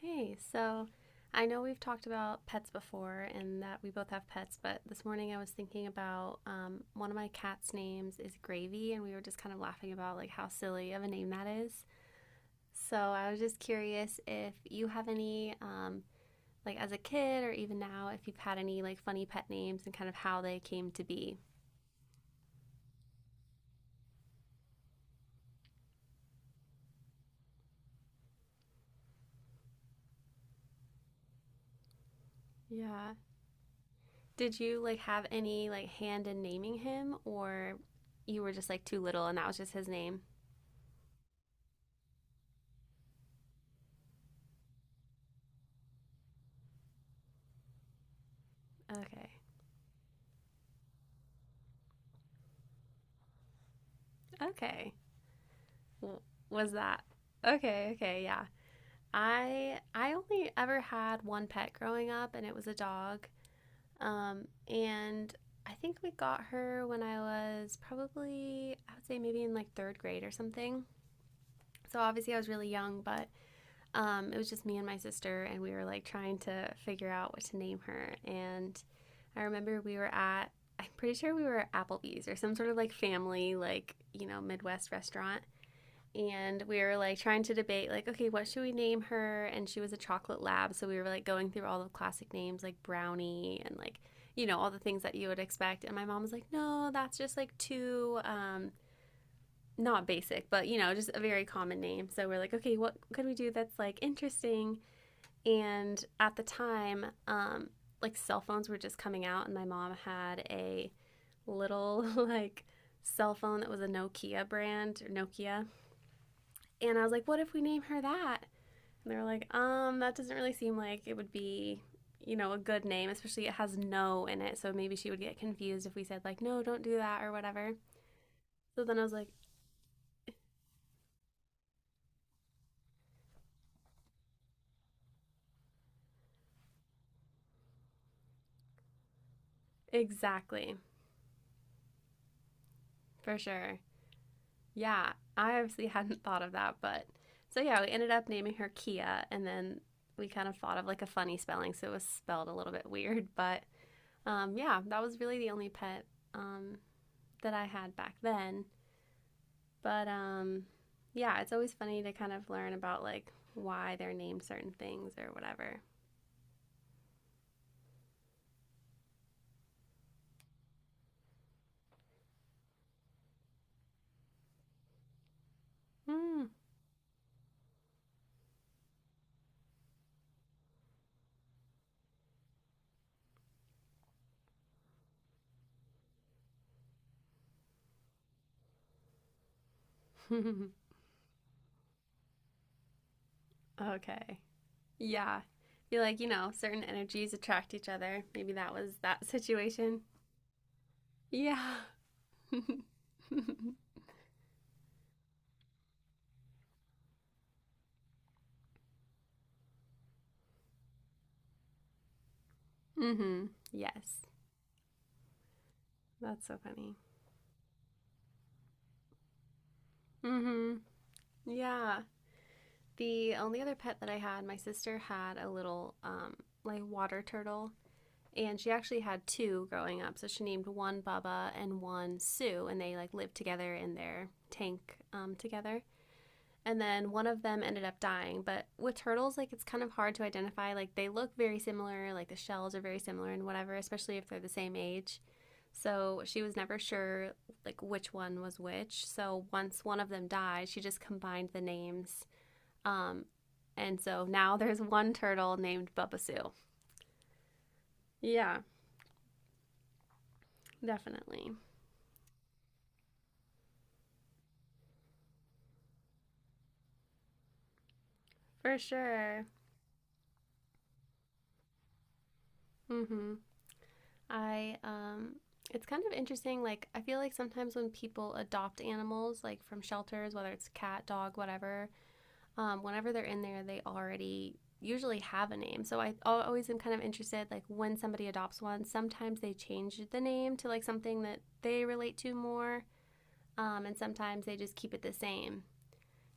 Hey, so I know we've talked about pets before and that we both have pets, but this morning I was thinking about one of my cat's names is Gravy, and we were just kind of laughing about like how silly of a name that is. So I was just curious if you have any, like as a kid or even now, if you've had any like funny pet names and kind of how they came to be. Yeah. Did you like have any like hand in naming him, or you were just like too little and that was just his name? Okay. Okay. was that. Okay, okay, yeah. I only ever had one pet growing up, and it was a dog. And I think we got her when I was probably I would say maybe in like third grade or something. So obviously I was really young, but it was just me and my sister, and we were like trying to figure out what to name her. And I remember we were at I'm pretty sure we were at Applebee's or some sort of like family like Midwest restaurant, and we were like trying to debate like, okay, what should we name her? And she was a chocolate lab, so we were like going through all the classic names like brownie and like all the things that you would expect. And my mom was like, no, that's just like too not basic, but just a very common name. So we're like, okay, what could we do that's like interesting? And at the time like cell phones were just coming out, and my mom had a little like cell phone that was a Nokia brand or Nokia. And I was like, what if we name her that? And they were like, that doesn't really seem like it would be, you know, a good name, especially it has no in it. So maybe she would get confused if we said, like, no, don't do that or whatever. So then I was like, exactly, for sure. Yeah, I obviously hadn't thought of that. But so yeah, we ended up naming her Kia. And then we kind of thought of like a funny spelling. So it was spelled a little bit weird. But yeah, that was really the only pet um, that I had back then. But yeah, it's always funny to kind of learn about like why they're named certain things or whatever. Hmm. okay. Yeah. Feel like, you know, certain energies attract each other. Maybe that was that situation. Yeah. mm-hmm. Yes. That's so funny. Mm-hmm. Yeah. The only other pet that I had, my sister had a little like water turtle, and she actually had two growing up. So she named one Bubba and one Sue, and they like lived together in their tank together. And then one of them ended up dying. But with turtles, like it's kind of hard to identify. Like they look very similar, like the shells are very similar and whatever, especially if they're the same age. So she was never sure like which one was which. So once one of them died, she just combined the names. Um, and so now there's one turtle named Bubba Sue. Yeah, definitely. For sure. Mhm. I it's kind of interesting, like I feel like sometimes when people adopt animals like from shelters, whether it's cat, dog, whatever, whenever they're in there, they already usually have a name. So I always am kind of interested, like when somebody adopts one, sometimes they change the name to like something that they relate to more, and sometimes they just keep it the same.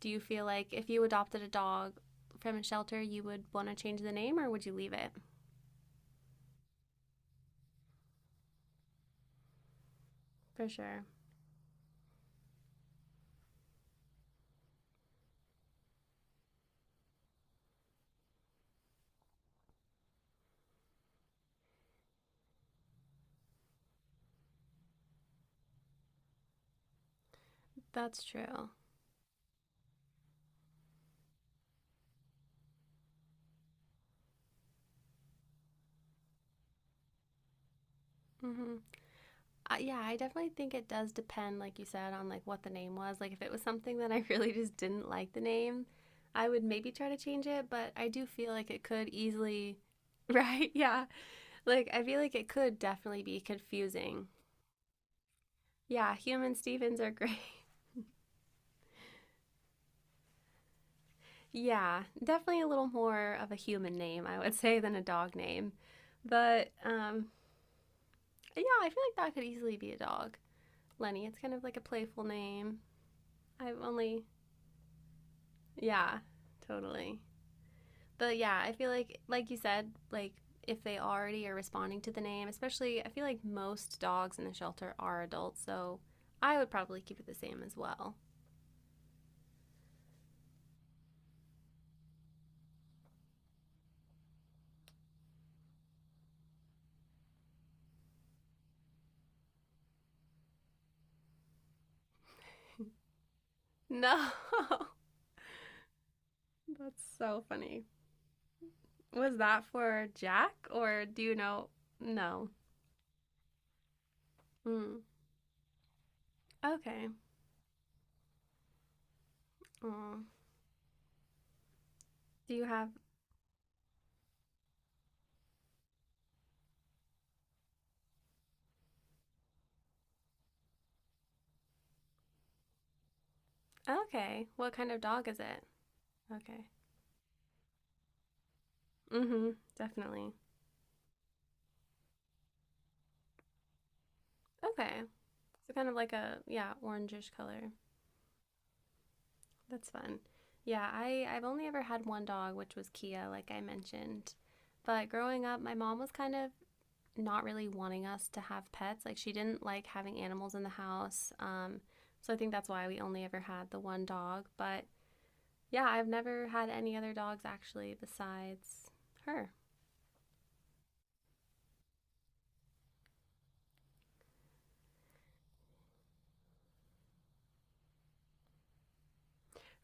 Do you feel like if you adopted a dog from a shelter, you would want to change the name, or would you leave it? For sure. That's true. Mm-hmm. Yeah, I definitely think it does depend, like you said, on like what the name was. Like if it was something that I really just didn't like the name, I would maybe try to change it. But I do feel like it could easily, right? Yeah, like I feel like it could definitely be confusing. Yeah, human Stevens are great. yeah, definitely a little more of a human name, I would say, than a dog name. But yeah, I feel like that could easily be a dog. Lenny, it's kind of like a playful name. I've only Yeah, totally. But yeah, I feel like you said, like if they already are responding to the name, especially, I feel like most dogs in the shelter are adults, so I would probably keep it the same as well. No, that's so funny. Was that for Jack, or do you know? No. Mm. Okay. Aw. Do you have? Okay. What kind of dog is it? Okay. Mm-hmm. Definitely. Okay. So kind of like a, yeah, orangish color. That's fun. Yeah, I've only ever had one dog, which was Kia, like I mentioned. But growing up, my mom was kind of not really wanting us to have pets. Like, she didn't like having animals in the house. So I think that's why we only ever had the one dog. But yeah, I've never had any other dogs actually besides her.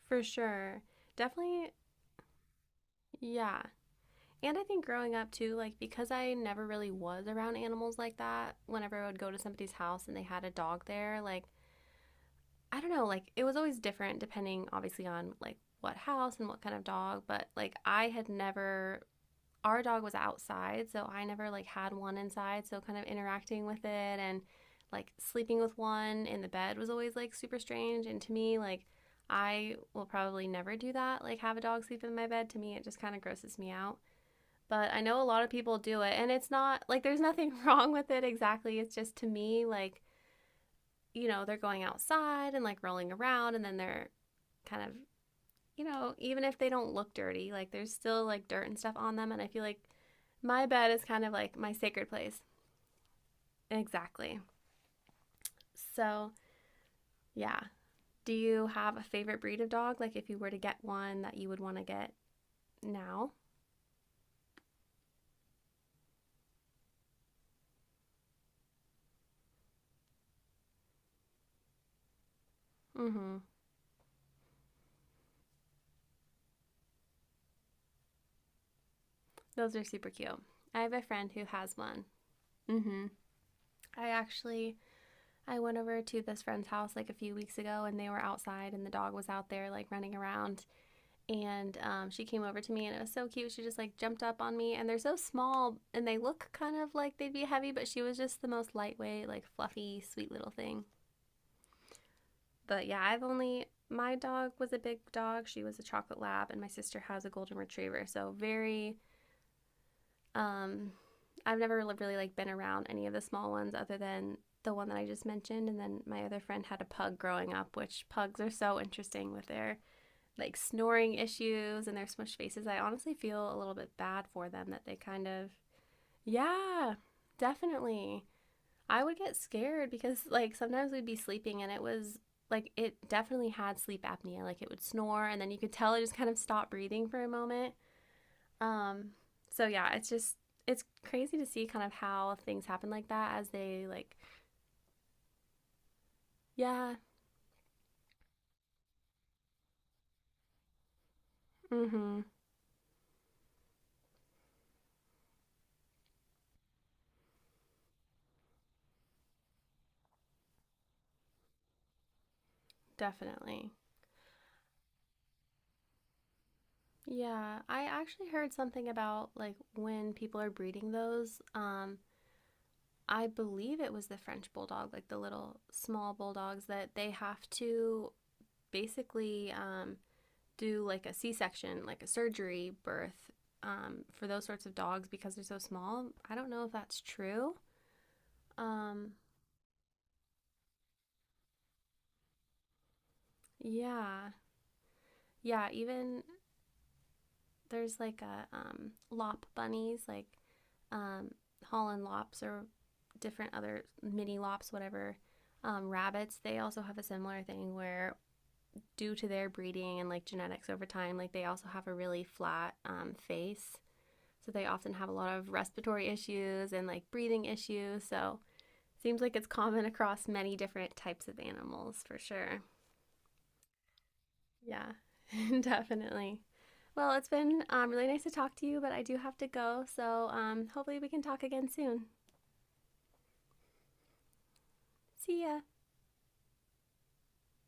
For sure. Definitely, yeah. And I think growing up too, like because I never really was around animals like that, whenever I would go to somebody's house and they had a dog there, like I don't know, like it was always different depending obviously on like what house and what kind of dog, but like I had never our dog was outside, so I never like had one inside, so kind of interacting with it and like sleeping with one in the bed was always like super strange. And to me like I will probably never do that, like have a dog sleep in my bed. To me, it just kind of grosses me out. But I know a lot of people do it, and it's not like there's nothing wrong with it exactly. It's just to me, like, you know, they're going outside and like rolling around and then they're kind of, you know, even if they don't look dirty, like there's still like dirt and stuff on them. And I feel like my bed is kind of like my sacred place. Exactly. So, yeah. Do you have a favorite breed of dog? Like if you were to get one that you would want to get now? Mm hmm. Those are super cute. I have a friend who has one. Mm hmm. I actually. I went over to this friend's house like a few weeks ago, and they were outside and the dog was out there like running around, and she came over to me and it was so cute, she just like jumped up on me. And they're so small and they look kind of like they'd be heavy, but she was just the most lightweight like fluffy sweet little thing. But yeah, I've only my dog was a big dog, she was a chocolate lab, and my sister has a golden retriever, so very um I've never really like been around any of the small ones other than the one that I just mentioned. And then my other friend had a pug growing up, which pugs are so interesting with their like snoring issues and their smushed faces. I honestly feel a little bit bad for them that they kind of, yeah, definitely. I would get scared because like sometimes we'd be sleeping and it was like it definitely had sleep apnea. Like it would snore and then you could tell it just kind of stopped breathing for a moment. Um, so yeah, it's just it's crazy to see kind of how things happen like that as they like yeah, mm-hmm, definitely. Yeah, I actually heard something about like when people are breeding those. I believe it was the French bulldog, like the little small bulldogs, that they have to basically do like a C-section, like a surgery birth for those sorts of dogs because they're so small. I don't know if that's true. Um, yeah. Yeah, even there's like a lop bunnies, like um, Holland lops or different other mini lops, whatever. Rabbits, they also have a similar thing where, due to their breeding and like genetics over time, like they also have a really flat face. So they often have a lot of respiratory issues and like breathing issues. So seems like it's common across many different types of animals for sure. Yeah, definitely. Well, it's been really nice to talk to you, but I do have to go. So hopefully we can talk again soon. See ya.